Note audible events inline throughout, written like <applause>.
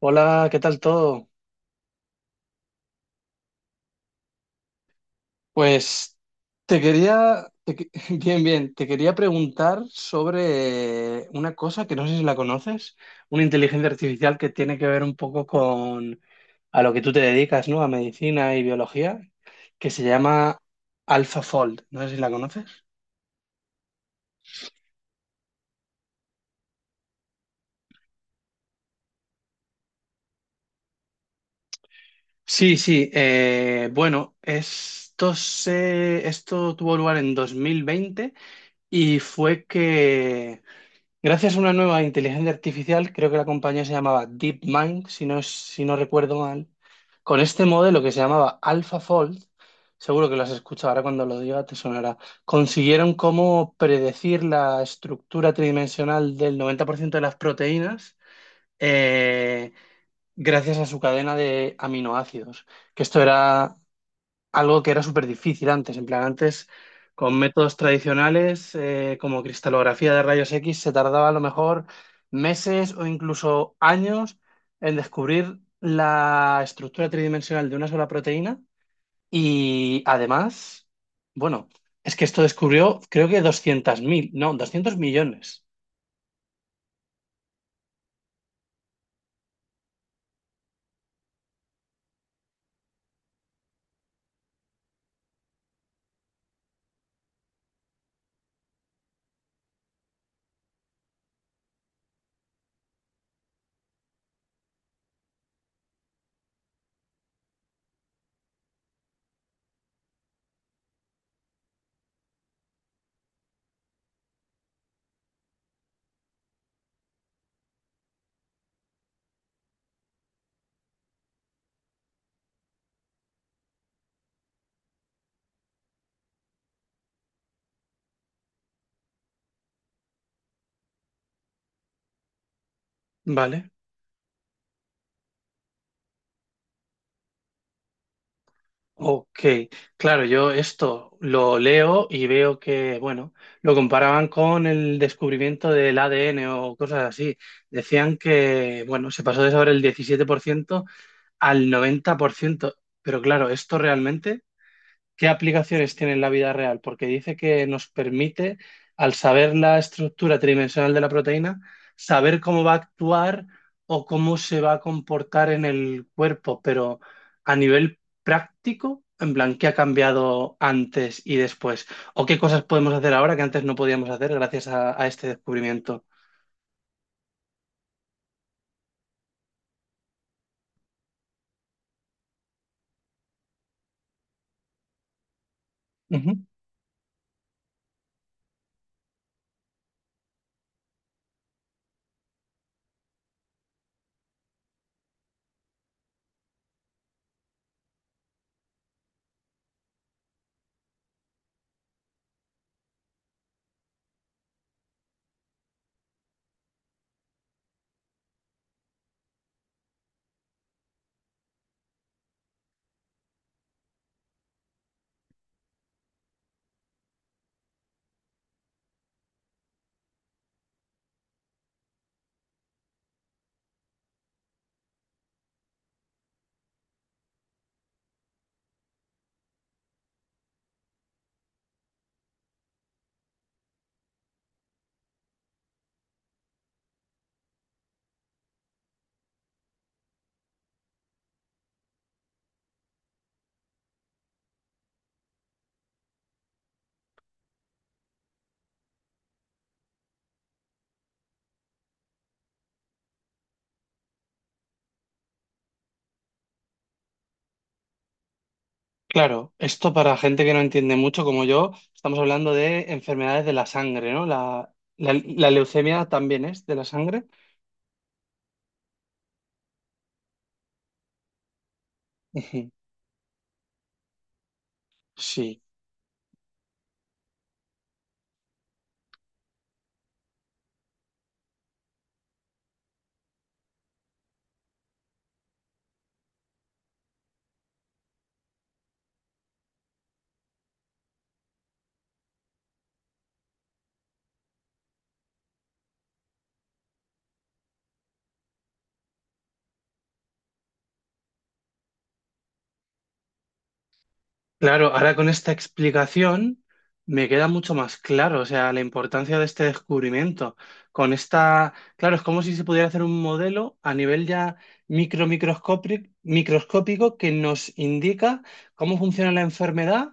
Hola, ¿qué tal todo? Pues te quería, te que- <laughs> bien, bien, te quería preguntar sobre una cosa que no sé si la conoces, una inteligencia artificial que tiene que ver un poco con a lo que tú te dedicas, ¿no? A medicina y biología, que se llama AlphaFold. No sé si la conoces. Sí, sí, bueno, esto tuvo lugar en 2020 y fue que gracias a una nueva inteligencia artificial, creo que la compañía se llamaba DeepMind, si no, si no recuerdo mal, con este modelo que se llamaba AlphaFold, seguro que lo has escuchado, ahora cuando lo diga te sonará, consiguieron cómo predecir la estructura tridimensional del 90% de las proteínas, eh, gracias a su cadena de aminoácidos, que esto era algo que era súper difícil antes. En plan, antes con métodos tradicionales, como cristalografía de rayos X, se tardaba a lo mejor meses o incluso años en descubrir la estructura tridimensional de una sola proteína y además, bueno, es que esto descubrió creo que 200.000 no, 200 millones, ¿vale? Ok, claro, yo esto lo leo y veo que, bueno, lo comparaban con el descubrimiento del ADN o cosas así. Decían que, bueno, se pasó de saber el 17% al 90%, pero claro, esto realmente ¿qué aplicaciones tiene en la vida real? Porque dice que nos permite, al saber la estructura tridimensional de la proteína, saber cómo va a actuar o cómo se va a comportar en el cuerpo, pero a nivel práctico, en plan, ¿qué ha cambiado antes y después? ¿O qué cosas podemos hacer ahora que antes no podíamos hacer gracias a este descubrimiento? Ujú. Claro, esto para gente que no entiende mucho como yo, estamos hablando de enfermedades de la sangre, ¿no? La leucemia también es de la sangre. Ujú. Sí, claro, ahora con esta explicación me queda mucho más claro, o sea, la importancia de este descubrimiento. Con esta, claro, es como si se pudiera hacer un modelo a nivel ya microscópico que nos indica cómo funciona la enfermedad,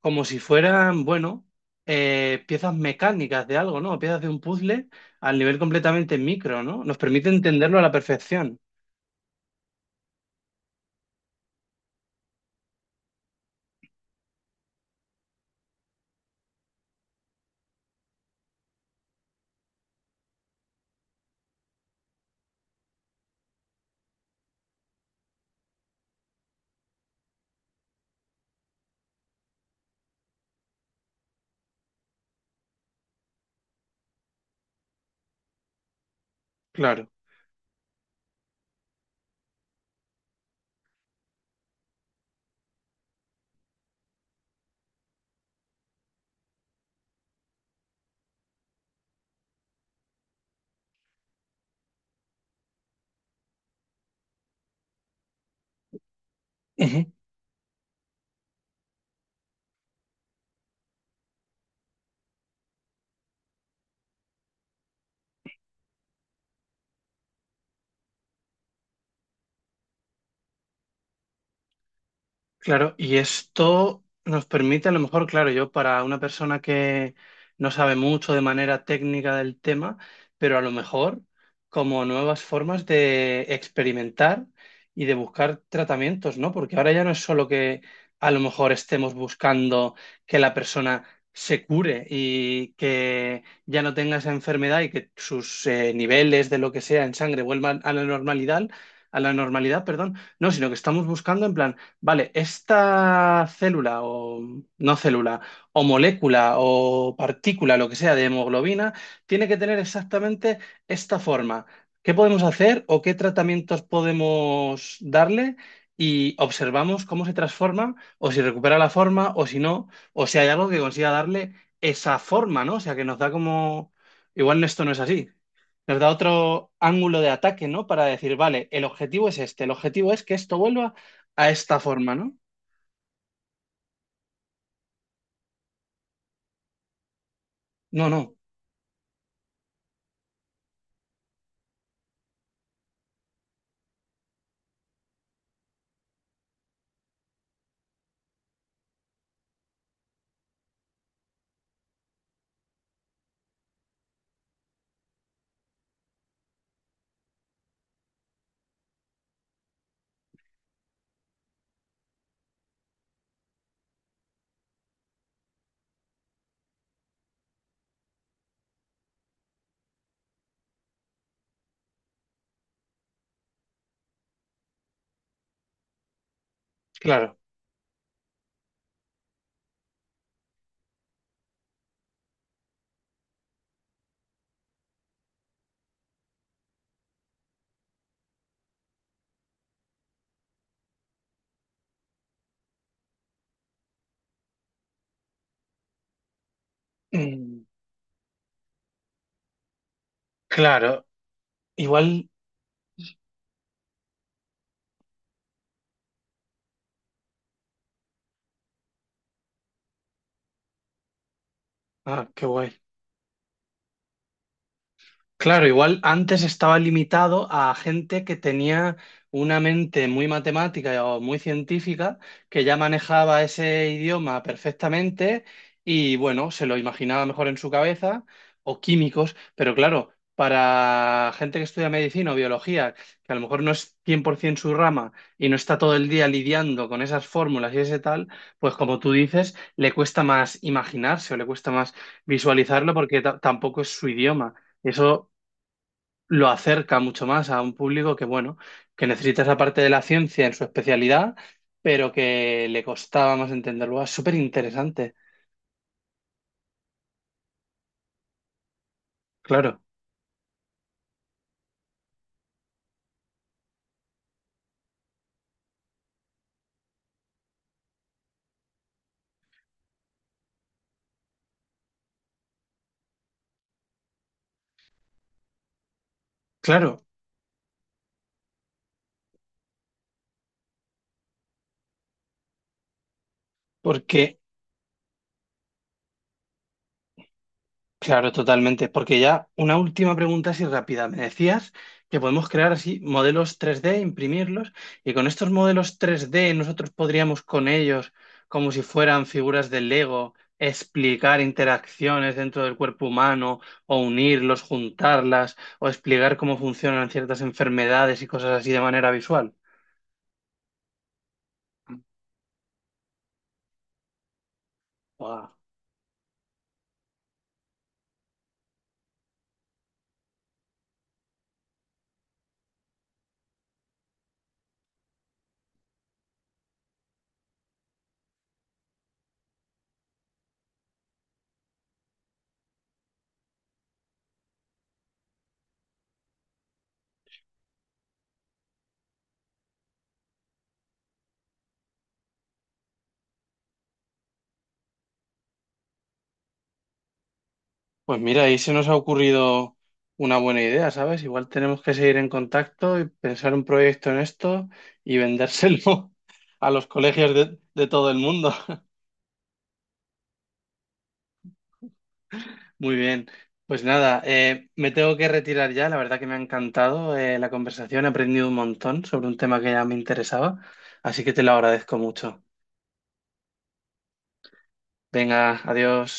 como si fueran, bueno, piezas mecánicas de algo, ¿no? Piezas de un puzzle al nivel completamente micro, ¿no? Nos permite entenderlo a la perfección. Claro. Ujú. Claro, y esto nos permite a lo mejor, claro, yo para una persona que no sabe mucho de manera técnica del tema, pero a lo mejor como nuevas formas de experimentar y de buscar tratamientos, ¿no? Porque ahora ya no es solo que a lo mejor estemos buscando que la persona se cure y que ya no tenga esa enfermedad y que sus niveles de lo que sea en sangre vuelvan a la normalidad, perdón. No, sino que estamos buscando en plan vale, esta célula o no célula o molécula o partícula, lo que sea, de hemoglobina, tiene que tener exactamente esta forma. ¿Qué podemos hacer o qué tratamientos podemos darle? Y observamos cómo se transforma o si recupera la forma o si no, o si hay algo que consiga darle esa forma, ¿no? O sea, que nos da como... Igual esto no es así. Nos da otro ángulo de ataque, ¿no? Para decir, vale, el objetivo es este, el objetivo es que esto vuelva a esta forma, ¿no? No, no, claro. Mm, claro, igual. Ah, qué guay. Claro, igual antes estaba limitado a gente que tenía una mente muy matemática o muy científica, que ya manejaba ese idioma perfectamente y bueno, se lo imaginaba mejor en su cabeza, o químicos, pero claro, para gente que estudia medicina o biología, que a lo mejor no es 100% su rama y no está todo el día lidiando con esas fórmulas y ese tal, pues como tú dices, le cuesta más imaginarse o le cuesta más visualizarlo porque tampoco es su idioma. Eso lo acerca mucho más a un público que, bueno, que necesita esa parte de la ciencia en su especialidad, pero que le costaba más entenderlo. Es súper interesante, claro, claro, porque claro, totalmente. Porque ya una última pregunta así rápida. Me decías que podemos crear así modelos tres d, imprimirlos, y con estos modelos tres d nosotros podríamos con ellos, como si fueran figuras de Lego, explicar interacciones dentro del cuerpo humano, o unirlos, juntarlas, o explicar cómo funcionan ciertas enfermedades y cosas así de manera visual. Guau. Pues mira, ahí se nos ha ocurrido una buena idea, ¿sabes? Igual tenemos que seguir en contacto y pensar un proyecto en esto y vendérselo <laughs> a los colegios de todo el mundo. <laughs> Muy bien, pues nada, me tengo que retirar ya. La verdad que me ha encantado, la conversación, he aprendido un montón sobre un tema que ya me interesaba, así que te lo agradezco mucho. Venga, adiós.